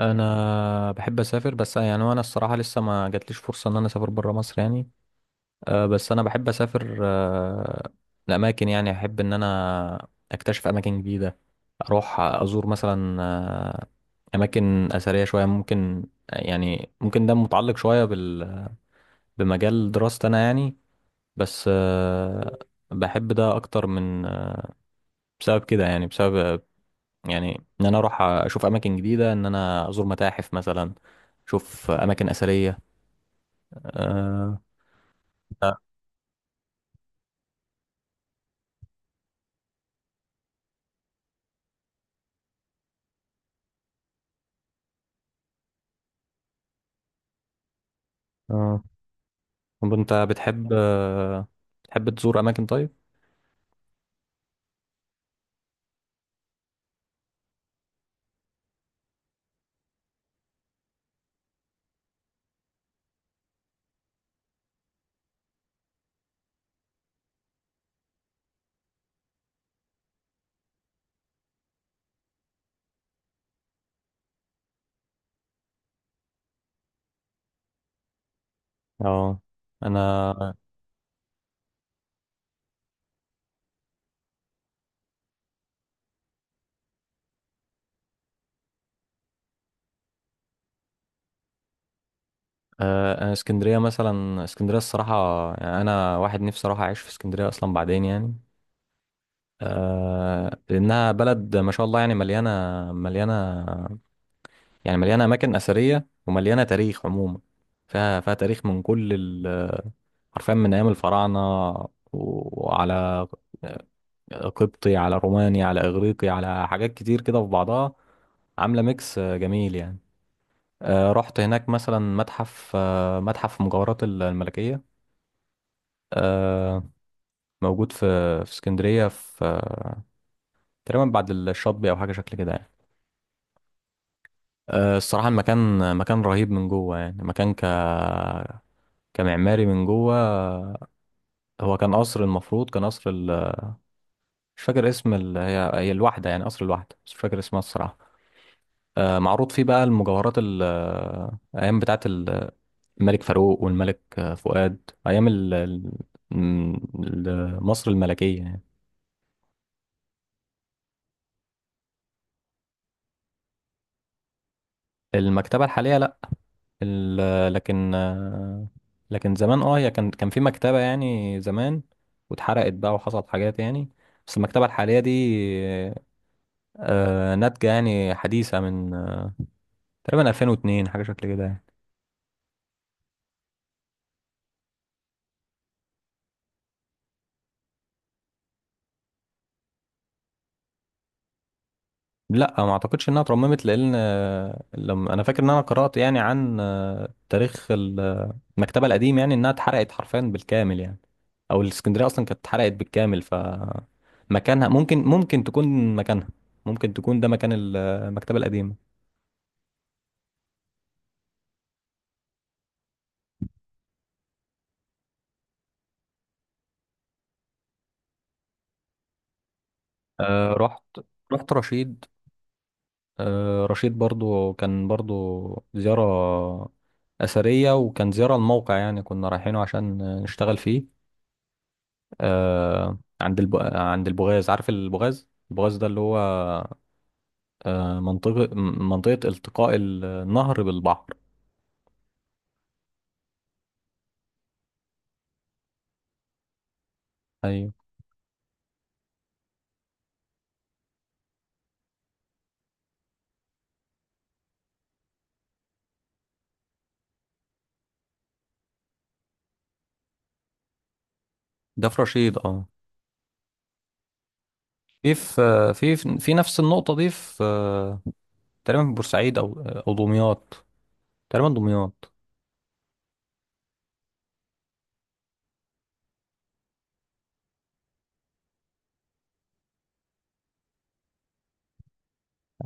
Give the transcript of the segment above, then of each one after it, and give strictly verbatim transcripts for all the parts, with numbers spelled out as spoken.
انا بحب اسافر، بس يعني وانا الصراحه لسه ما جاتليش فرصه ان انا اسافر بره مصر يعني. أه، بس انا بحب اسافر أه، لاماكن، يعني احب ان انا اكتشف اماكن جديده، اروح ازور مثلا أه، اماكن اثريه شويه ممكن، يعني ممكن ده متعلق شويه بال بمجال دراستي انا يعني. بس أه، بحب ده اكتر من أه، بسبب كده، يعني بسبب أه، يعني ان انا اروح اشوف اماكن جديده، ان انا ازور متاحف مثلا، شوف اماكن اثريه. آه. لا. آه. طب انت بتحب، آه بتحب تزور اماكن؟ طيب. اه، انا. آه، انا اسكندريه مثلا، اسكندريه الصراحه، يعني انا واحد نفسي اروح اعيش في اسكندريه اصلا بعدين يعني. آه، لانها بلد ما شاء الله، يعني مليانه، مليانه، يعني مليانه اماكن اثريه ومليانه تاريخ عموما. فيها فيها تاريخ من كل ال- حرفيا من ايام الفراعنه، و- وعلى قبطي، على روماني، على إغريقي، على حاجات كتير كده في بعضها، عاملة ميكس آه، جميل يعني. آه، رحت هناك مثلا متحف، آه، متحف مجوهرات ال- الملكية، آه، موجود في، في اسكندرية، في آه، تقريبا بعد الشاطبي أو حاجة شكل كده يعني. آه، الصراحة المكان مكان رهيب من جوه، يعني مكان ك كمعماري من جوه. آه، هو كان قصر، المفروض كان قصر ال... مش فاكر اسم ال... هي هي الواحدة، يعني قصر الواحدة، بس مش فاكر اسمها الصراحة. آه، معروض فيه بقى المجوهرات ال- آه، ايام بتاعه ال- الملك فاروق والملك آه، فؤاد، ايام ال- ال- م- ال- مصر الملكيه يعني. المكتبه الحاليه لا. ال- لكن آه، لكن زمان اه هي كان كان في مكتبه يعني زمان، واتحرقت بقى وحصلت حاجات يعني. بس المكتبه الحاليه دي آه، ناتجه يعني، حديثه من آه، تقريبا ألفين واتنين، حاجه شكل كده يعني. لا، ما اعتقدش انها اترممت، لان آه، لما انا فاكر ان انا قرأت يعني عن آه، تاريخ ال- آه، المكتبة القديم، يعني انها اتحرقت حرفيا بالكامل يعني. او الاسكندرية اصلا كانت اتحرقت بالكامل، ف مكانها ممكن ممكن تكون مكانها، ممكن تكون ده مكان ال- آه، المكتبة القديمة. آه، رحت رحت رشيد. آه، رشيد برضو كان برضو زيارة أثرية، وكان زيارة الموقع، يعني كنا رايحينه عشان آه، نشتغل فيه. آه عند الب... عند البغاز، عارف البغاز؟ البغاز ده اللي هو آه منطقة م- منطقة التقاء ال- النهر بالبحر. ايوه، ده في رشيد اه. في في في في نفس النقطة دي، في آه، تقريبا في بورسعيد او او دمياط، تقريبا دمياط.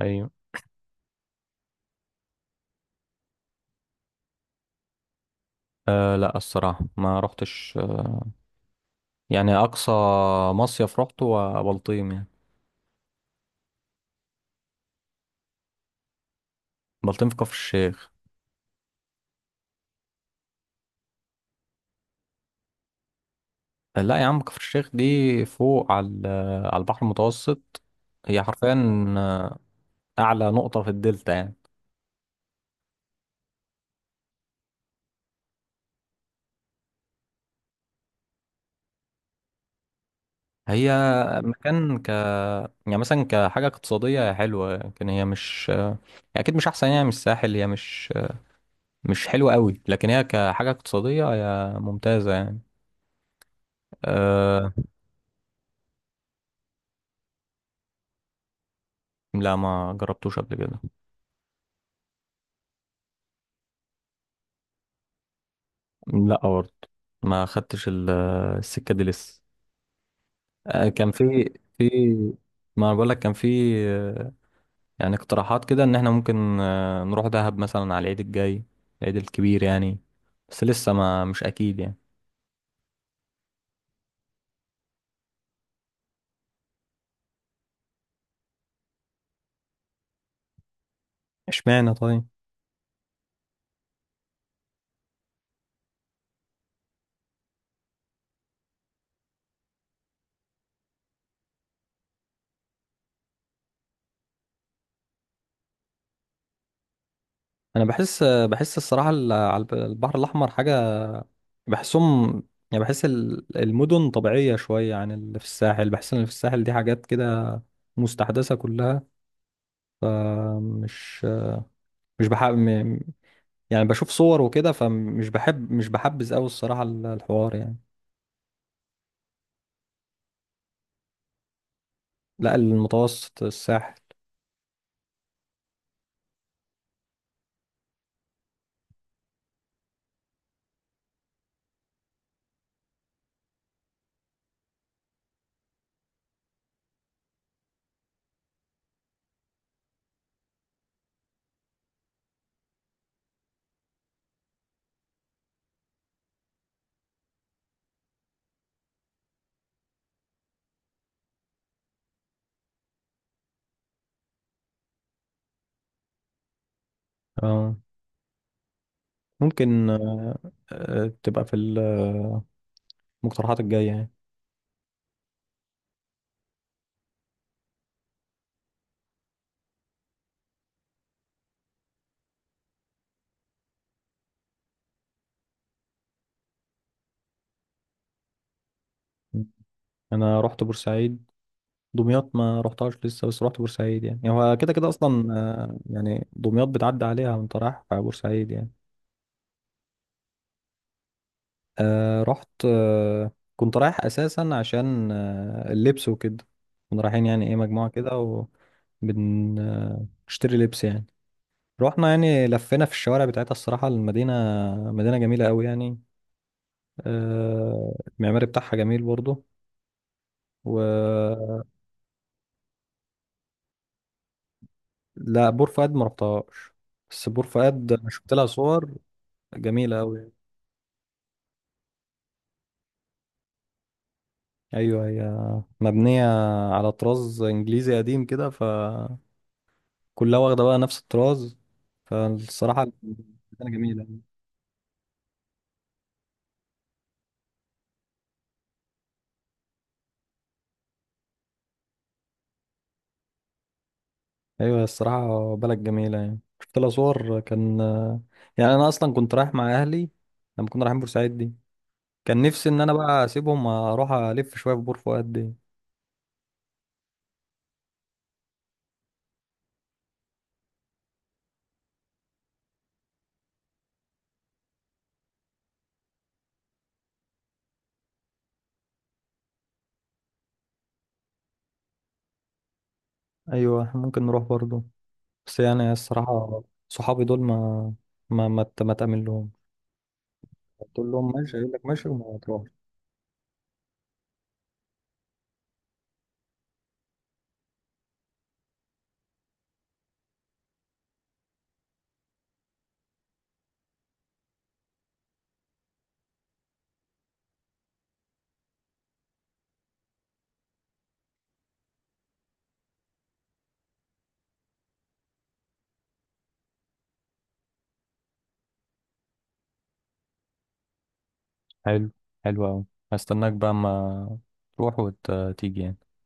ايوه. آه لا، الصراحة ما رحتش. آه، يعني اقصى مصيف رحته هو بلطيم يعني. بلطيم في كفر الشيخ. آه، لا يا عم، كفر الشيخ دي فوق على ال- على البحر المتوسط، هي حرفيا اعلى نقطه في الدلتا يعني. هي مم. مكان ك يعني مثلا كحاجه اقتصاديه هي حلوه، لكن هي مش هي اكيد مش احسن، يعني مش الساحل، هي مش مش حلوه قوي، لكن هي كحاجه اقتصاديه هي ممتازه يعني. أه. لا ما جربتوش قبل كده. لا برضه، ما خدتش ال- السكه دي لسه. أه كان في، في. ما انا بقول لك كان في، يعني اقتراحات كده ان احنا ممكن آه، نروح دهب مثلا على العيد الجاي، العيد الكبير يعني. بس لسه ما مش اكيد يعني. اشمعنى طيب؟ انا بحس بحس الصراحه ال- على الب- البحر الاحمر حاجه، بحسهم، يعني بحس ال- المدن طبيعيه شويه عن اللي في الساحل، بحس ان اللي في الساحل دي حاجات كده مستحدثه كلها. فمش مش بحب يعني، بشوف صور وكده فمش بحب، مش بحبذ قوي الصراحه ال- الحوار يعني. لا، المتوسط، الساحل. آه. ممكن آه، آه، تبقى في المقترحات الجاية يعني. أنا رحت بورسعيد. دمياط ما رحتهاش لسه، بس رحت بورسعيد، يعني يعني هو كده كده أصلا. آه، يعني دمياط بتعدي عليها وأنت رايح في بورسعيد يعني. آه، رحت. آه، كنت رايح أساسا عشان آه، اللبس وكده، كنا رايحين يعني إيه مجموعة كده، وبنشتري لبس يعني. رحنا يعني لفينا في الشوارع بتاعتها، الصراحة المدينة مدينة جميلة أوي يعني. آه، المعماري بتاعها جميل برضو و. لا، بور فؤاد ما رحتهاش، بس بور فؤاد شفت لها صور جميلة أوي. أيوة هي مبنية على طراز إنجليزي قديم كده، فكلها واخدة بقى نفس الطراز، فالصراحة مكانة جميلة. أيوة الصراحة بلد جميلة، يعني شفت لها صور. كان يعني أنا أصلا كنت رايح مع أهلي لما كنا رايحين بورسعيد دي، كان نفسي إن أنا بقى أسيبهم أروح ألف شوية في بور فؤاد دي. أيوة إحنا ممكن نروح برضه، بس يعني الصراحة صحابي دول ما، ما ما, ت- ما تأمن لهم، تقول لهم ماشي يقول لك ماشي وما تروحش. حلو، حلو أوي. هستناك بقى أما تروح وتيجي يعني.